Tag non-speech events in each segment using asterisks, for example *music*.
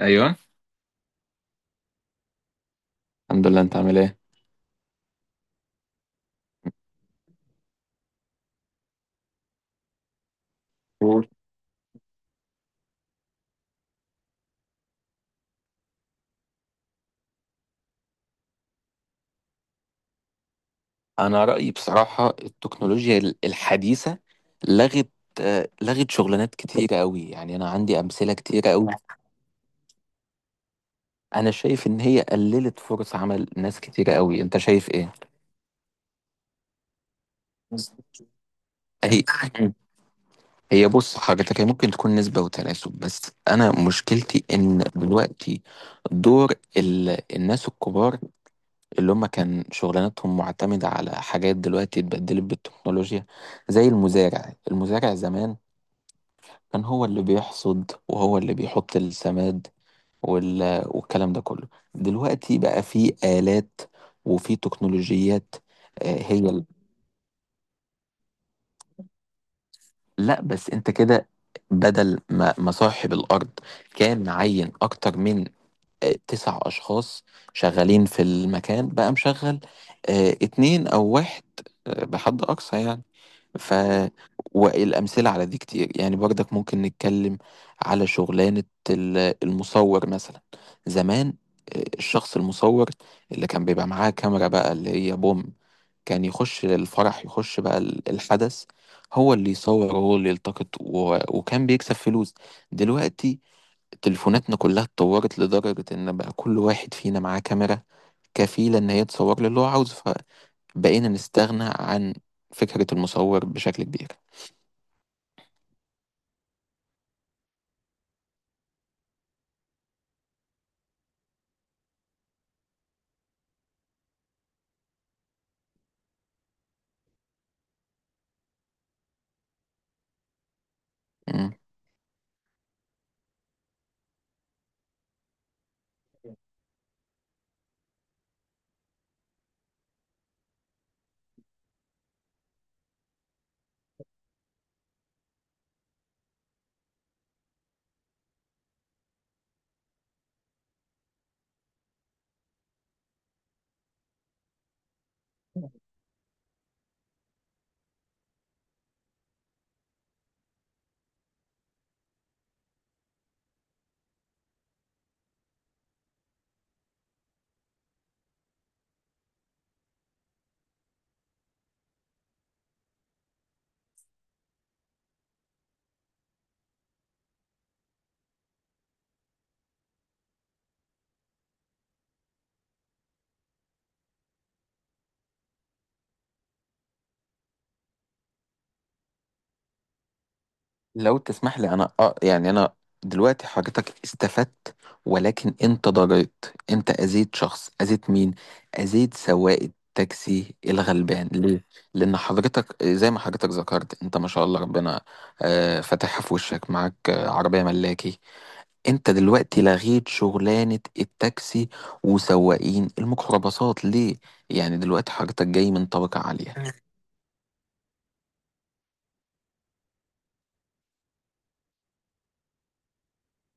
ايوه. الحمد لله، انت عامل ايه؟ قول. انا رايي بصراحه، التكنولوجيا الحديثه لغت. لغت شغلانات كتيره قوي، يعني انا عندي امثله كتيره قوي. انا شايف ان هي قللت فرص عمل ناس كتيره قوي، انت شايف ايه؟ هي هي بص حضرتك، هي ممكن تكون نسبة وتناسب، بس أنا مشكلتي إن دلوقتي دور الناس الكبار اللي هم كان شغلانتهم معتمدة على حاجات دلوقتي اتبدلت بالتكنولوجيا. زي المزارع، زمان كان هو اللي بيحصد وهو اللي بيحط السماد والكلام ده كله. دلوقتي بقى في آلات وفي تكنولوجيات. آه، هي ال- لا بس انت كده، بدل ما صاحب الأرض كان معين أكتر من تسع أشخاص شغالين في المكان، بقى مشغل اتنين أو واحد، بحد أقصى يعني. ف والأمثلة على دي كتير، يعني برضك ممكن نتكلم على شغلانة المصور مثلا. زمان، الشخص المصور اللي كان بيبقى معاه كاميرا بقى، اللي هي بوم، كان يخش الفرح، يخش بقى الحدث، هو اللي يصور وهو اللي يلتقط، وكان بيكسب فلوس. دلوقتي تليفوناتنا كلها اتطورت لدرجة ان بقى كل واحد فينا معاه كاميرا كفيلة ان هي تصور له اللي هو عاوزه، فبقينا نستغنى عن فكرة المصور بشكل كبير. مم. لو تسمح لي انا يعني انا دلوقتي حضرتك استفدت، ولكن انت ضريت، انت اذيت شخص، اذيت مين؟ اذيت سواق التاكسي الغلبان ليه؟ لان حضرتك زي ما حضرتك ذكرت، انت ما شاء الله ربنا فاتحها في وشك، معاك عربية ملاكي. انت دلوقتي لغيت شغلانة التاكسي وسواقين الميكروباصات ليه؟ يعني دلوقتي حضرتك جاي من طبقة عالية.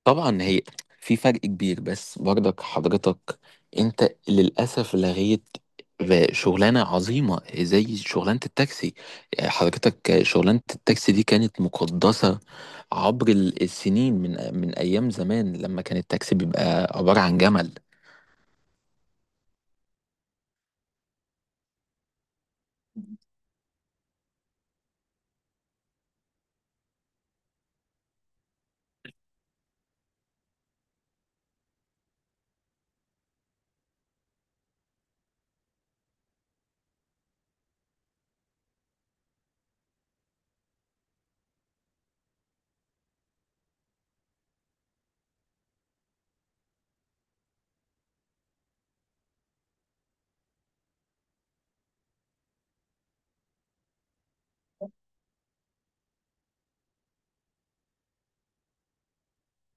طبعا هي في فرق كبير، بس برضك حضرتك انت للاسف لغيت شغلانه عظيمه زي شغلانه التاكسي. حضرتك شغلانه التاكسي دي كانت مقدسه عبر السنين، من ايام زمان لما كان التاكسي بيبقى عباره عن جمل.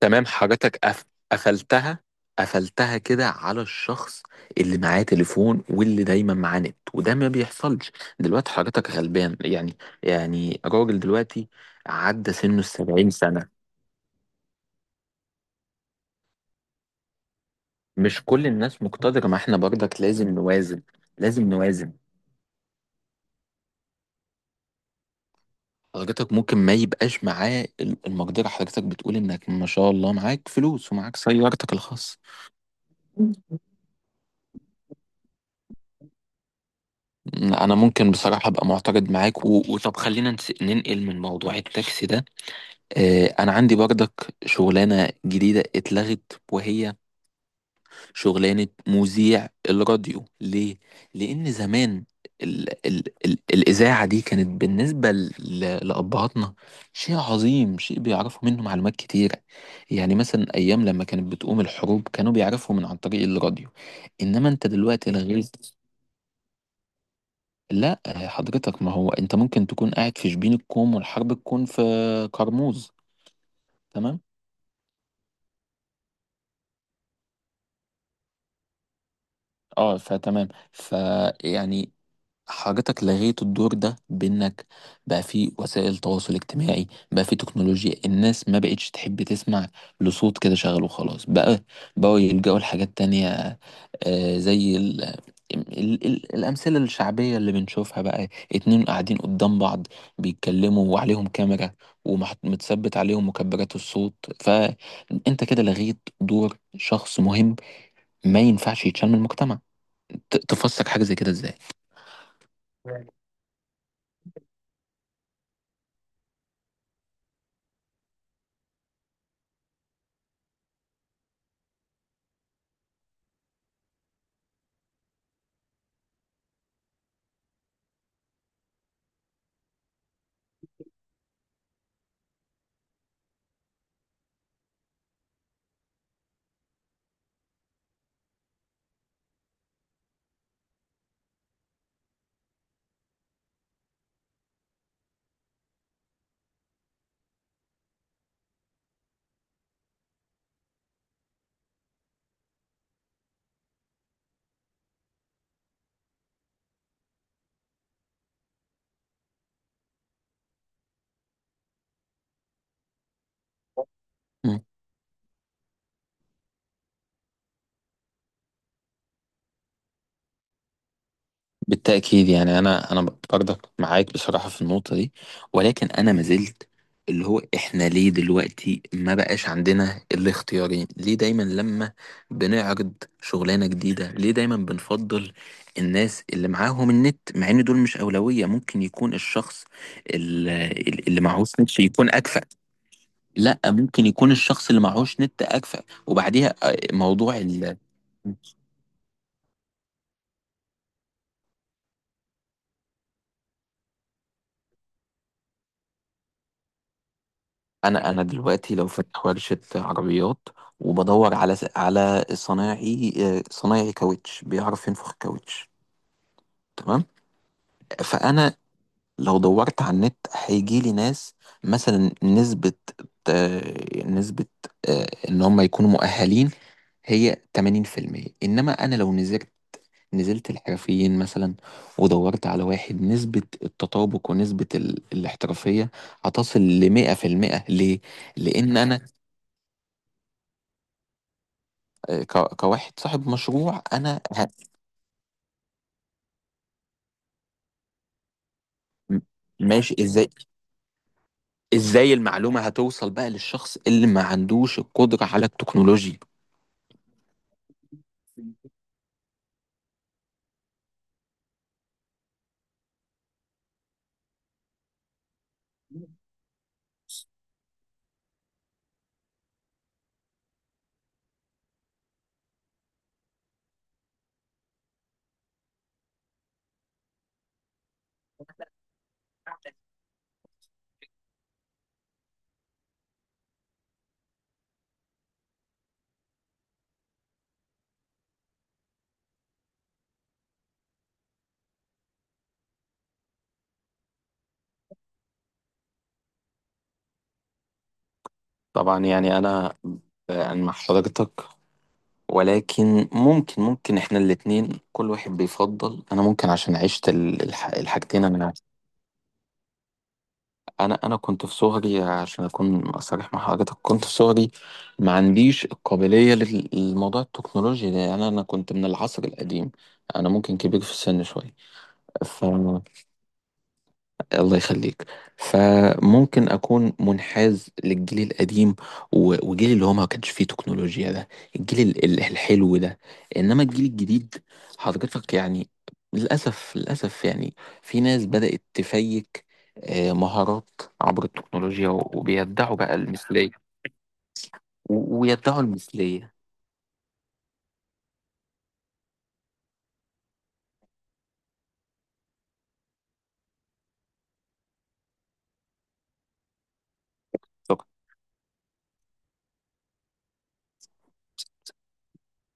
تمام. حاجتك قفلتها قفلتها كده على الشخص اللي معاه تليفون واللي دايما معاه نت، وده ما بيحصلش. دلوقتي حاجتك غلبان يعني، يعني راجل دلوقتي عدى سنه السبعين سنة. مش كل الناس مقتدرة، ما احنا برضك لازم نوازن. لازم نوازن. حضرتك ممكن ما يبقاش معاه المقدرة، حضرتك بتقول انك ما شاء الله معاك فلوس ومعاك سيارتك الخاصة. انا ممكن بصراحة ابقى معترض معاك، وطب خلينا ننقل من موضوع التاكسي ده. انا عندي برضك شغلانه جديده اتلغت، وهي شغلانه مذيع الراديو ليه؟ لان زمان ال ال ال الاذاعه دي كانت بالنسبه لابهاتنا شيء عظيم، شيء بيعرفوا منه معلومات كتيره. يعني مثلا ايام لما كانت بتقوم الحروب كانوا بيعرفوا عن طريق الراديو. انما انت دلوقتي لغيت. لا حضرتك، ما هو انت ممكن تكون قاعد في شبين الكوم والحرب تكون في كرموز. تمام. اه فتمام، فيعني حضرتك لغيت الدور ده بانك بقى في وسائل تواصل اجتماعي، بقى في تكنولوجيا. الناس ما بقتش تحب تسمع لصوت كده شغال وخلاص، بقى بقوا يلجأوا لحاجات تانية، زي ال ال ال الأمثلة الشعبية اللي بنشوفها بقى. اتنين قاعدين قدام بعض بيتكلموا، وعليهم كاميرا ومتثبت عليهم مكبرات الصوت. فأنت كده لغيت دور شخص مهم ما ينفعش يتشال من المجتمع. تفسر حاجة زي كده ازاي؟ *laughs* مم. بالتأكيد، يعني أنا برضك معاك بصراحة في النقطة دي، ولكن أنا ما زلت، اللي هو إحنا ليه دلوقتي ما بقاش عندنا الاختيارين؟ ليه دايما لما بنعرض شغلانة جديدة ليه دايما بنفضل الناس اللي معاهم النت، مع إن دول مش أولوية؟ ممكن يكون الشخص اللي معهوش نت يكون أكفأ. لا، ممكن يكون الشخص اللي معهوش نت أكفأ. وبعديها موضوع انا دلوقتي لو فاتح ورشه عربيات وبدور على صنايعي، صنايعي كاوتش بيعرف ينفخ كاوتش، تمام؟ فانا لو دورت على النت هيجي لي ناس مثلا نسبه، آه، نسبه ان هم يكونوا مؤهلين هي 80%. انما انا لو نزلت، نزلت الحرفيين مثلا ودورت على واحد، نسبة التطابق ونسبة الاحترافية هتصل لمئة في المئة. ليه؟ لأن أنا كواحد صاحب مشروع انا م- ماشي. ازاي؟ ازاي المعلومة هتوصل بقى للشخص اللي ما عندوش القدرة على التكنولوجيا؟ طبعا يعني انا مع حضرتك، ولكن ممكن احنا الاتنين كل واحد بيفضل. انا ممكن عشان عشت الحاجتين. انا كنت في صغري، عشان اكون صريح مع حضرتك، كنت في صغري ما عنديش القابلية للموضوع التكنولوجي ده، يعني انا كنت من العصر القديم، انا ممكن كبير في السن شوية. ف الله يخليك. فممكن اكون منحاز للجيل القديم، وجيل اللي هو ما كانش فيه تكنولوجيا ده، الجيل الحلو ده. انما الجيل الجديد، حضرتك يعني للاسف، للاسف يعني في ناس بدأت تفيك مهارات عبر التكنولوجيا، وبيدعوا بقى المثلية، ويدعوا المثلية.